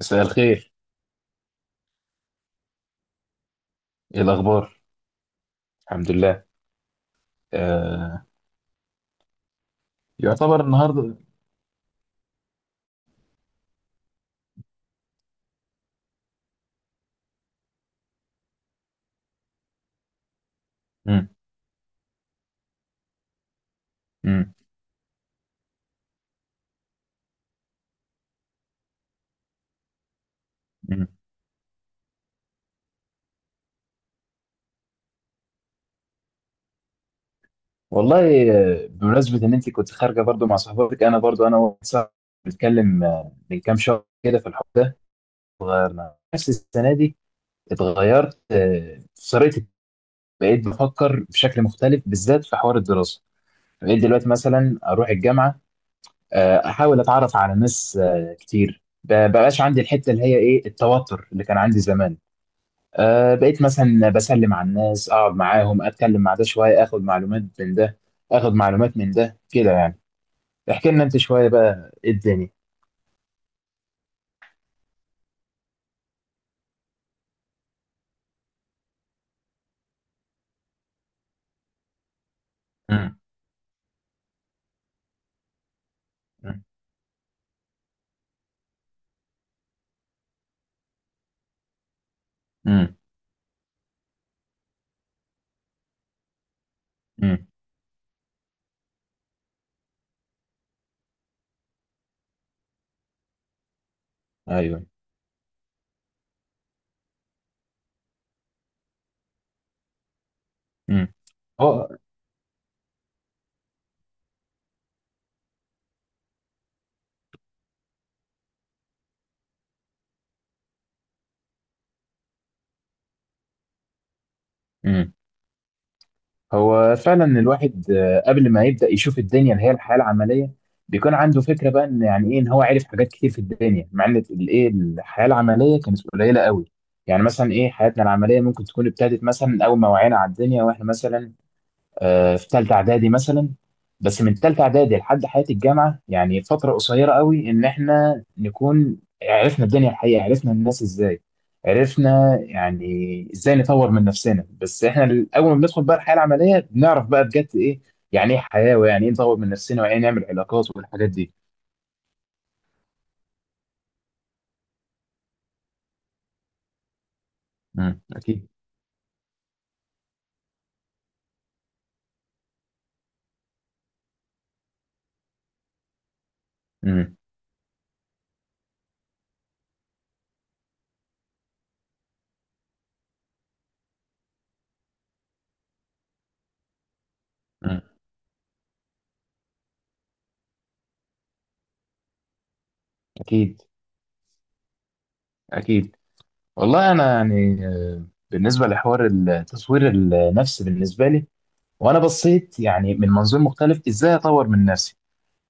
مساء الخير. ايه الاخبار؟ الحمد لله. آه. يعتبر النهارده. مم. مم. مم. والله بمناسبه ان انت كنت خارجه برضو مع صحباتك، انا برضو انا واحد صاحبي بنتكلم من كام شهر كده في الحوار ده. اتغيرنا نفس السنه دي. اتغيرت طريقتي. بقيت بفكر بشكل مختلف بالذات في حوار الدراسه. بقيت دلوقتي مثلا اروح الجامعه، احاول اتعرف على ناس كتير. بقاش عندي الحته اللي هي ايه التوتر اللي كان عندي زمان. بقيت مثلا بسلم على الناس، اقعد معاهم، اتكلم مع ده شويه، اخد معلومات من ده، اخد معلومات من ده كده يعني. احكي لنا انت شويه بقى ايه الدنيا. امم. امم. امم. أمم. ايوه. امم. هو. امم. هو فعلا الواحد قبل ما يبدا يشوف الدنيا اللي هي الحياه العمليه، بيكون عنده فكره بقى ان يعني ايه ان هو عارف حاجات كتير في الدنيا، مع ان الايه الحياه العمليه كانت قليله قوي. يعني مثلا ايه حياتنا العمليه ممكن تكون ابتدت مثلا اول ما وعينا على الدنيا، واحنا مثلا في ثالثه اعدادي مثلا. بس من ثالثه اعدادي لحد حياه الجامعه، يعني فتره قصيره قوي ان احنا نكون عرفنا الدنيا الحقيقه، عرفنا الناس ازاي، عرفنا يعني ازاي نطور من نفسنا. بس احنا اول ما بندخل بقى الحياه العمليه بنعرف بقى بجد ايه يعني ايه حياه، ويعني ايه نطور من نفسنا، ويعني ايه نعمل علاقات والحاجات دي. امم، اكيد. امم. امم، اكيد. اكيد. والله انا يعني بالنسبه لحوار التصوير النفسي بالنسبه لي، وانا بصيت يعني من منظور مختلف ازاي اطور من نفسي،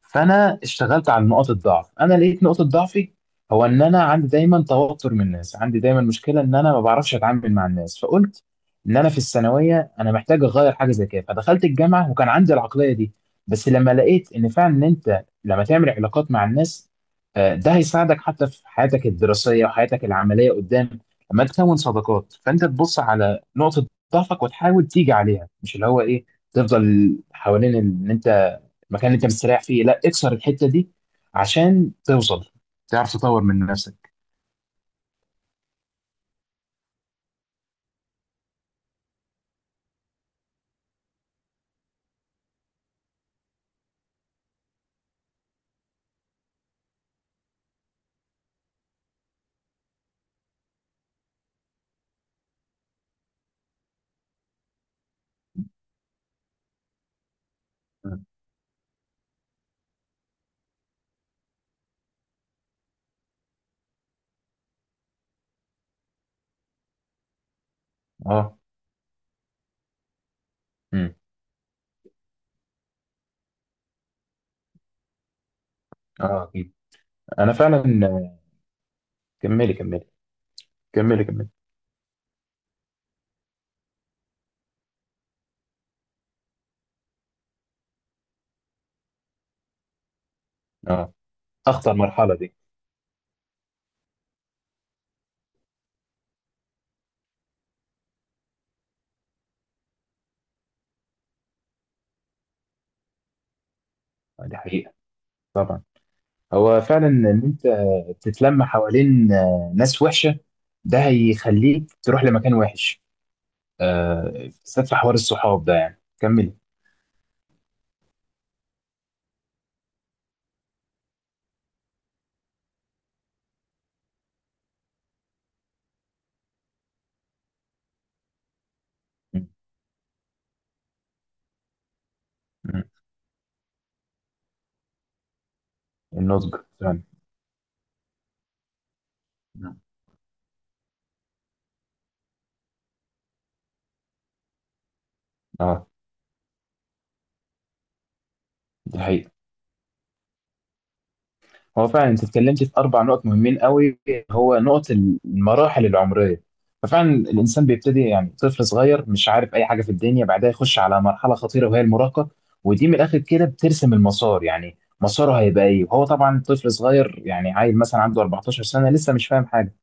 فانا اشتغلت على نقاط الضعف. انا لقيت نقطة ضعفي هو ان انا عندي دايما توتر من الناس، عندي دايما مشكلة ان انا ما بعرفش اتعامل مع الناس. فقلت ان انا في الثانوية انا محتاج اغير حاجة زي كده، فدخلت الجامعة وكان عندي العقلية دي. بس لما لقيت ان فعلا ان انت لما تعمل علاقات مع الناس ده هيساعدك حتى في حياتك الدراسية وحياتك العملية قدام. لما تكون صداقات فانت تبص على نقطة ضعفك وتحاول تيجي عليها، مش اللي هو ايه تفضل حوالين ان انت المكان اللي انت مستريح فيه. لا، اكسر الحته دي عشان توصل، تعرف تطور من نفسك. مم. اه. امم. اه، اكيد. انا فعلا. كملي كملي. كملي كملي. اه. اخطر مرحله دي. دي حقيقه. طبعا. هو فعلا ان انت تتلم حوالين ناس وحشه، ده هيخليك تروح لمكان وحش. بالذات في حوار الصحاب ده، يعني كملي. مم. مم. النضج فعلا. مم. اه. دي حقيقه. هو فعلا انت اتكلمت في اربع نقط مهمين قوي، هو نقط المراحل العمريه. ففعلا الانسان بيبتدي يعني طفل صغير، مش عارف اي حاجه في الدنيا، بعدها يخش على مرحله خطيره وهي المراهقه. ودي من الاخر كده بترسم المسار، يعني مساره هيبقى ايه، وهو طبعا طفل صغير يعني عيل مثلا عنده 14 سنه، لسه مش فاهم حاجه،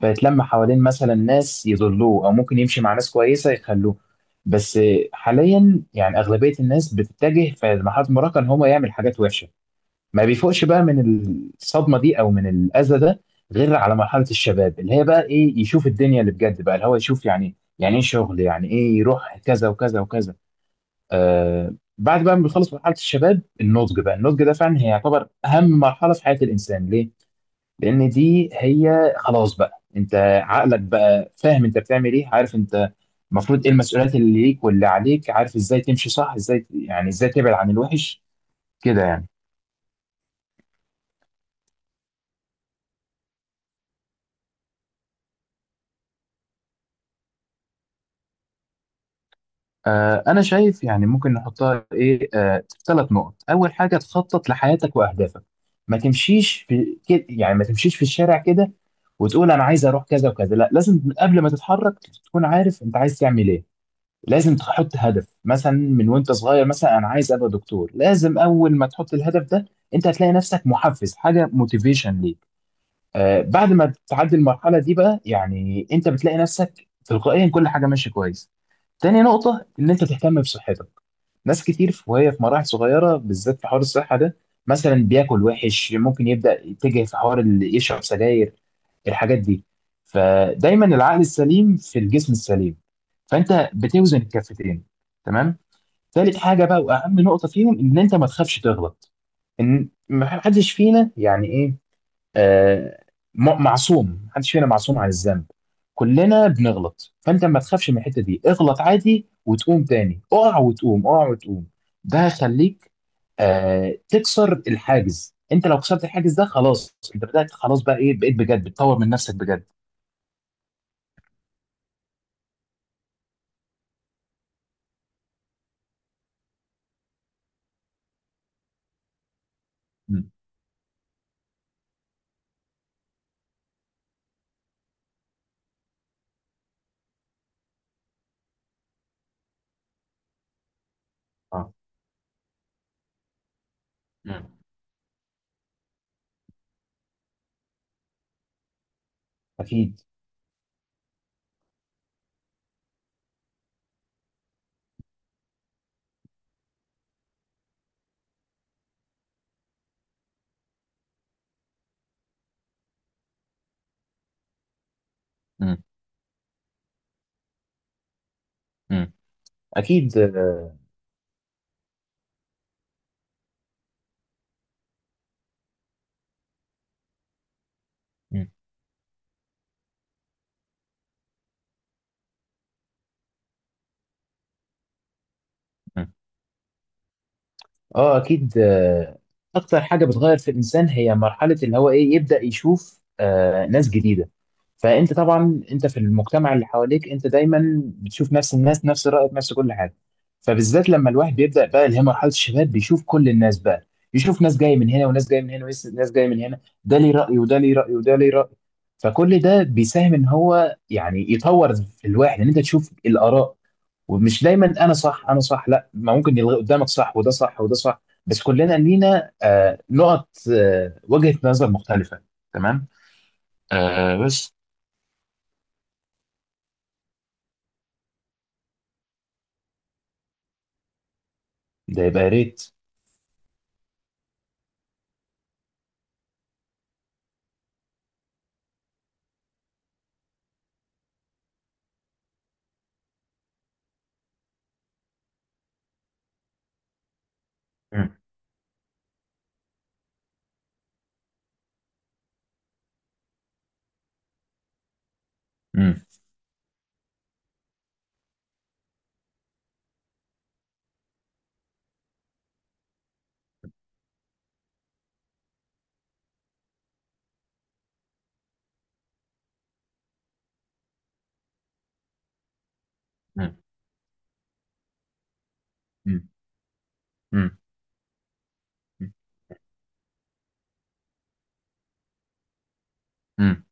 فيتلم حوالين مثلا ناس يضلوه، او ممكن يمشي مع ناس كويسه يخلوه. بس حاليا يعني اغلبيه الناس بتتجه في مرحله المراهقه ان هو يعمل حاجات وحشه، ما بيفوقش بقى من الصدمه دي او من الاذى ده، غير على مرحله الشباب اللي هي بقى ايه يشوف الدنيا اللي بجد بقى، اللي هو يشوف يعني يعني ايه شغل، يعني ايه يروح كذا وكذا وكذا. بعد بقى ما بيخلص مرحله الشباب، النضج بقى. النضج ده فعلا هي يعتبر اهم مرحله في حياه الانسان، ليه؟ لان دي هي خلاص بقى انت عقلك بقى فاهم انت بتعمل ايه، عارف انت المفروض ايه المسؤوليات اللي ليك واللي عليك، عارف ازاي تمشي صح، ازاي يعني ازاي تبعد عن الوحش كده يعني. أنا شايف يعني ممكن نحطها إيه ثلاث نقط. أول حاجة تخطط لحياتك وأهدافك، ما تمشيش في كده، يعني ما تمشيش في الشارع كده وتقول أنا عايز أروح كذا وكذا، لا لازم قبل ما تتحرك تكون عارف أنت عايز تعمل إيه. لازم تحط هدف، مثلا من وأنت صغير مثلا أنا عايز أبقى دكتور، لازم أول ما تحط الهدف ده أنت هتلاقي نفسك محفز، حاجة موتيفيشن ليك. بعد ما بتعدي المرحله دي بقى، يعني انت بتلاقي نفسك تلقائيا كل حاجه ماشيه كويس. تاني نقطه ان انت تهتم بصحتك. ناس كتير وهي في مراحل صغيره بالذات في حوار الصحه ده، مثلا بياكل وحش، ممكن يبدا يتجه في حوار اللي يشرب سجاير، الحاجات دي. فدايما العقل السليم في الجسم السليم، فانت بتوزن الكفتين. تمام. تالت حاجه بقى واهم نقطه فيهم ان انت ما تخافش تغلط، ان ما حدش فينا يعني إيه، آه، معصوم. محدش فينا معصوم عن الذنب، كلنا بنغلط. فانت ما تخافش من الحته دي، اغلط عادي وتقوم تاني، اقع وتقوم، اقع وتقوم. ده هيخليك تكسر الحاجز. انت لو كسرت الحاجز ده خلاص، انت بدأت خلاص بقى ايه، بقيت بجد بتطور من نفسك بجد. مم. اه. مم. اكيد. مم. مم. اكيد. مم. مم. اه، اكيد. اكتر حاجه بتغير في الانسان هي مرحله اللي هو ايه يبدا يشوف ناس جديده. فانت طبعا انت في المجتمع اللي حواليك انت دايما بتشوف نفس الناس، نفس رايك، نفس كل حاجه. فبالذات لما الواحد بيبدا بقى اللي هي مرحله الشباب، بيشوف كل الناس بقى، يشوف ناس جايه من هنا وناس جايه من هنا وناس جايه من هنا، ده ليه راي وده ليه راي وده ليه راي. فكل ده بيساهم ان هو يعني يطور في الواحد ان انت تشوف الاراء، ومش دايما انا صح انا صح، لا ما ممكن يلغي قدامك صح وده صح وده صح. بس كلنا لينا نقط وجهة نظر مختلفة. تمام. بس ده يبقى يا ريت. مم. مم. مم. مم. مم. مم.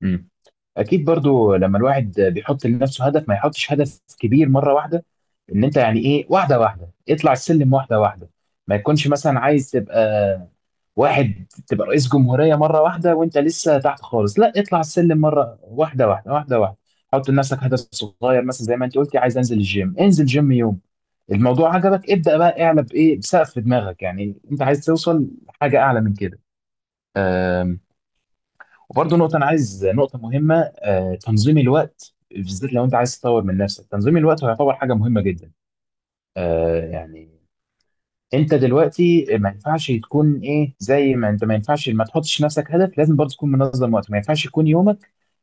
مم. اكيد برضو لما الواحد بيحط لنفسه هدف ما يحطش هدف كبير مرة واحدة، ان انت يعني ايه واحدة واحدة اطلع السلم واحدة واحدة. ما يكونش مثلا عايز تبقى واحد تبقى رئيس جمهورية مرة واحدة وانت لسه تحت خالص. لا، اطلع السلم مرة واحدة واحدة واحدة واحدة. حط لنفسك هدف صغير، مثلا زي ما انت قلتي عايز انزل الجيم، انزل جيم يوم. الموضوع عجبك ابدأ بقى اعلى بايه بسقف في دماغك، يعني انت عايز توصل حاجة اعلى من كده. أم، وبرضه نقطة، انا عايز نقطة مهمة، تنظيم الوقت، بالذات لو انت عايز تطور من نفسك تنظيم الوقت هيعتبر حاجة مهمة جدا. يعني انت دلوقتي ما ينفعش تكون ايه زي ما انت، ما ينفعش ما تحطش لنفسك هدف، لازم برضه تكون منظم وقتك. ما ينفعش يكون يومك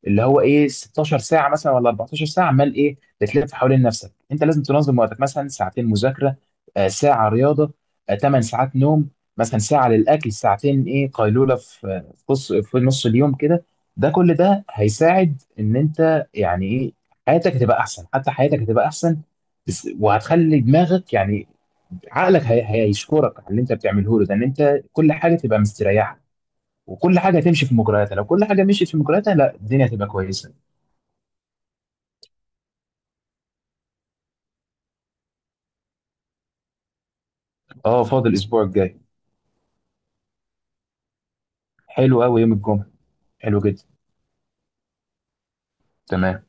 اللي هو ايه 16 ساعه مثلا ولا 14 ساعه عمال ايه بتلف حوالين نفسك. انت لازم تنظم وقتك، مثلا ساعتين مذاكره، ساعه رياضه، 8 ساعات نوم، مثلا ساعه للاكل، ساعتين ايه قيلوله في في نص في نص اليوم كده. ده كل ده هيساعد ان انت يعني ايه حياتك هتبقى احسن، حتى حياتك هتبقى احسن بس. وهتخلي دماغك يعني عقلك هيشكرك على اللي انت بتعمله له ده، ان انت كل حاجه تبقى مستريحه وكل حاجه تمشي في مجرياتها. لو كل حاجه مشيت في مجرياتها، لا الدنيا هتبقى كويسه. اه، فاضل الاسبوع الجاي. حلو قوي يوم الجمعه، حلو جدا. تمام.